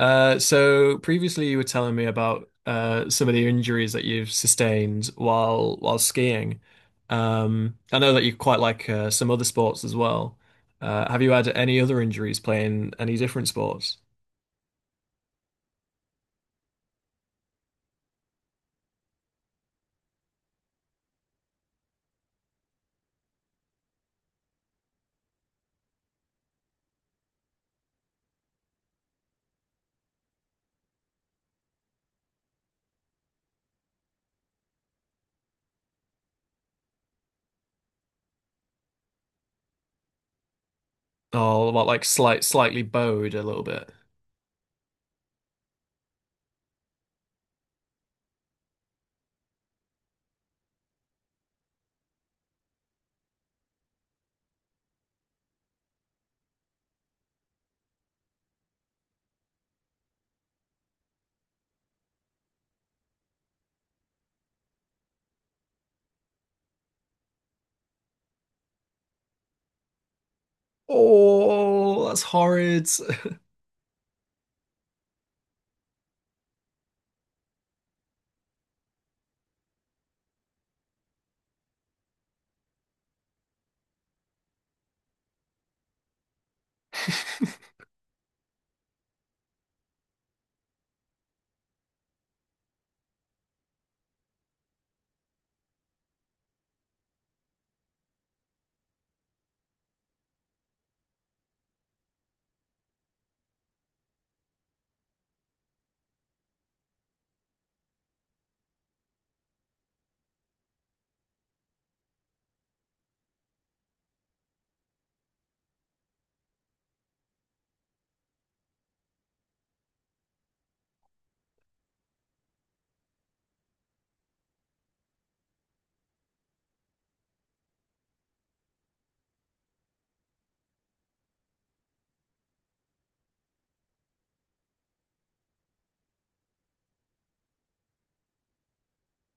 So previously you were telling me about some of the injuries that you've sustained while skiing. I know that you quite like some other sports as well. Have you had any other injuries playing any different sports? Oh, what, like slightly bowed a little bit. Oh, that's horrid.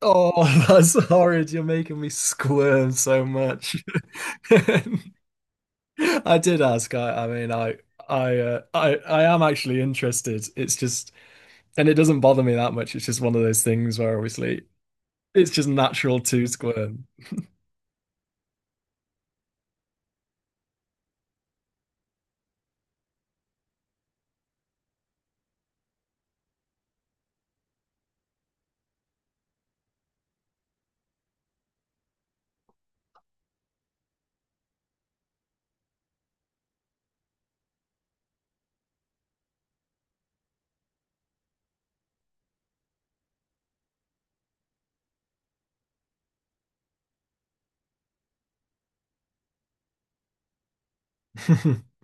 Oh, that's horrid. You're making me squirm so much. I did ask. I am actually interested. It's just, and it doesn't bother me that much. It's just one of those things where obviously it's just natural to squirm.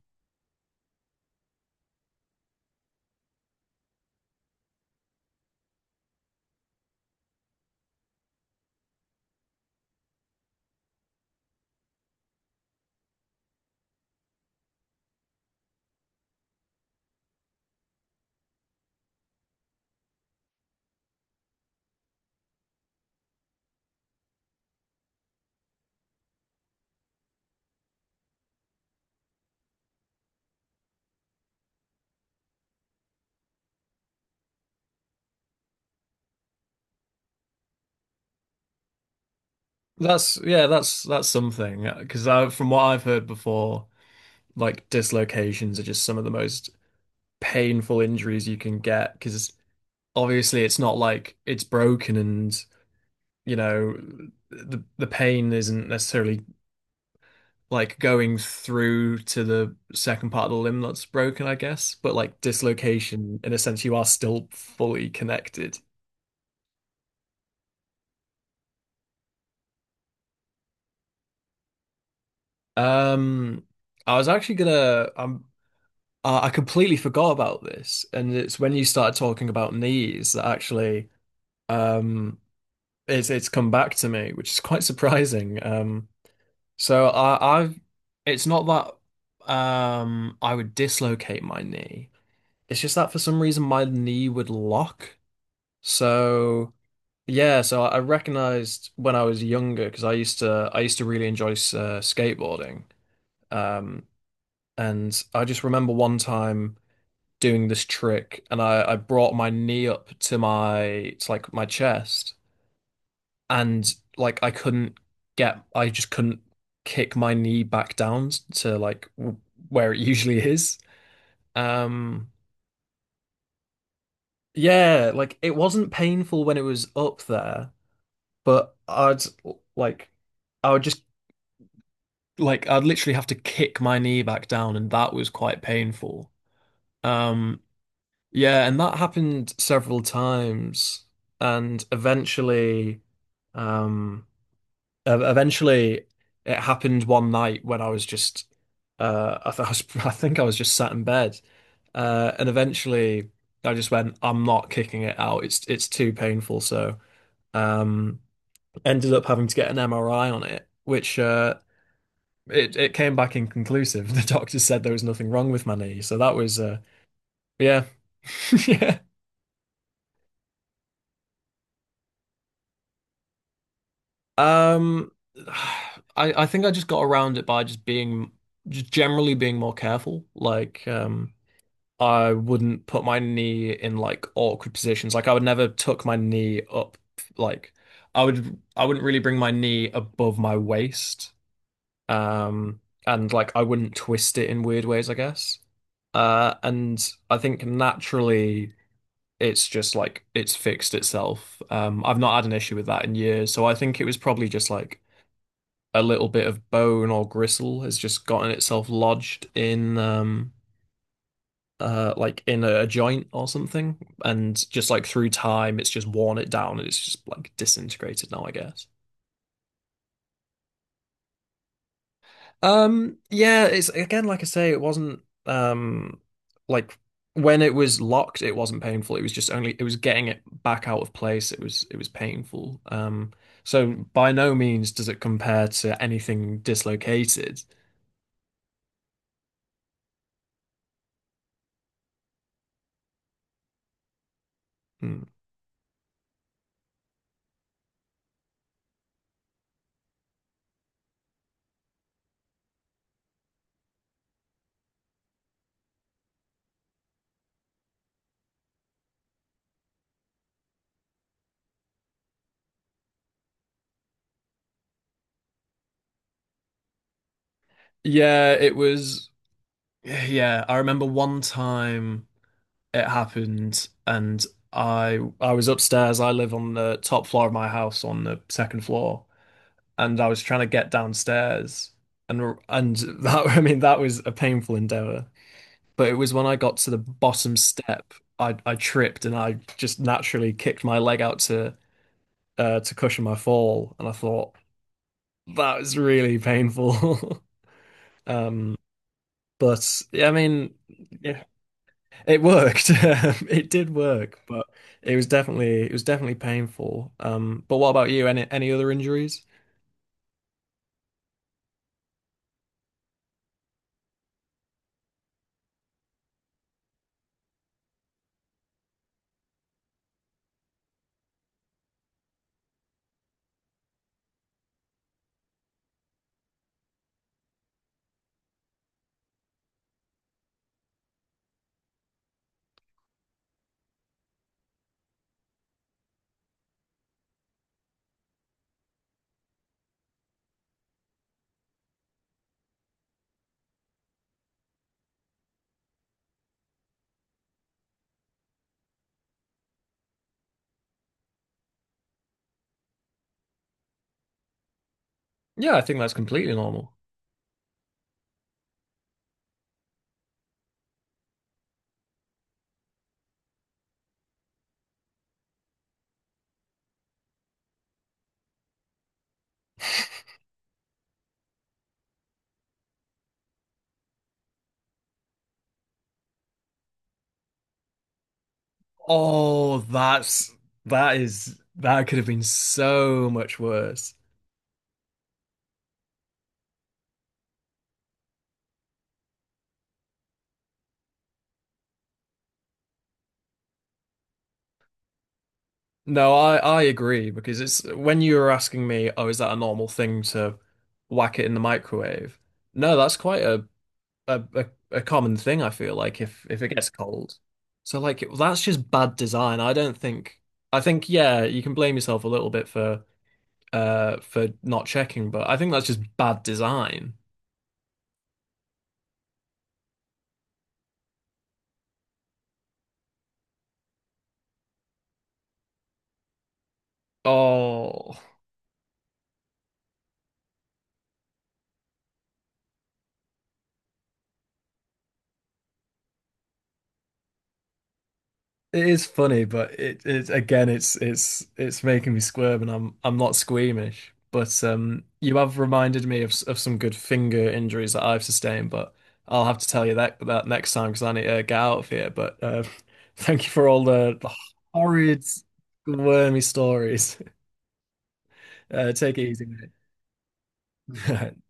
That's yeah, that's something. Because from what I've heard before, like dislocations are just some of the most painful injuries you can get. Because obviously it's not like it's broken and you know the pain isn't necessarily like going through to the second part of the limb that's broken, I guess. But like dislocation, in a sense, you are still fully connected. Um, I was actually gonna, I completely forgot about this, and it's when you started talking about knees that actually, um, it's come back to me, which is quite surprising. So I've, it's not that, I would dislocate my knee. It's just that for some reason my knee would lock. So yeah, so I recognized when I was younger because I used to really enjoy skateboarding. Um, and I just remember one time doing this trick, and I brought my knee up to my to like my chest, and like I couldn't get I just couldn't kick my knee back down to like w where it usually is. Um, yeah, like it wasn't painful when it was up there. But like I would just I'd literally have to kick my knee back down, and that was quite painful. Um, yeah, and that happened several times, and eventually, um, eventually it happened one night when I was just I was I think I was just sat in bed, and eventually I just went, I'm not kicking it out. It's too painful, so. Um, Ended up having to get an MRI on it, which it came back inconclusive. The doctor said there was nothing wrong with my knee, so that was yeah, yeah. Um, I think I just got around it by just generally being more careful. Like I wouldn't put my knee in like awkward positions. Like I would never tuck my knee up. Like I wouldn't really bring my knee above my waist. Um, and like I wouldn't twist it in weird ways, I guess. And I think naturally it's just like it's fixed itself. I've not had an issue with that in years, so I think it was probably just like a little bit of bone or gristle has just gotten itself lodged in like in a joint or something, and just like through time it's just worn it down and it's just like disintegrated now, I guess. Yeah, it's again, like I say, it wasn't like when it was locked, it wasn't painful. It was just only it was getting it back out of place. It was painful. So by no means does it compare to anything dislocated. Hmm. Yeah, it was. Yeah, I remember one time it happened, and I was upstairs. I live on the top floor of my house on the second floor. And I was trying to get downstairs, and that I mean that was a painful endeavor. But it was when I got to the bottom step, I tripped and I just naturally kicked my leg out to cushion my fall, and I thought that was really painful. Um, but yeah, I mean, yeah, it worked. It did work, but it was definitely painful. But what about you? Any other injuries? Yeah, I think that's completely normal. Oh, that is that could have been so much worse. No, I agree because it's when you were asking me, oh, is that a normal thing to whack it in the microwave? No, that's quite a a, a common thing, I feel like if it gets cold. So like that's just bad design. I don't think I think yeah, you can blame yourself a little bit for not checking, but I think that's just bad design. Oh. It is funny, but it is again, it's making me squirm, and I'm not squeamish. But you have reminded me of some good finger injuries that I've sustained. But I'll have to tell you that next time because I need to get out of here. But thank you for all the horrid, wormy stories. Take it easy, mate.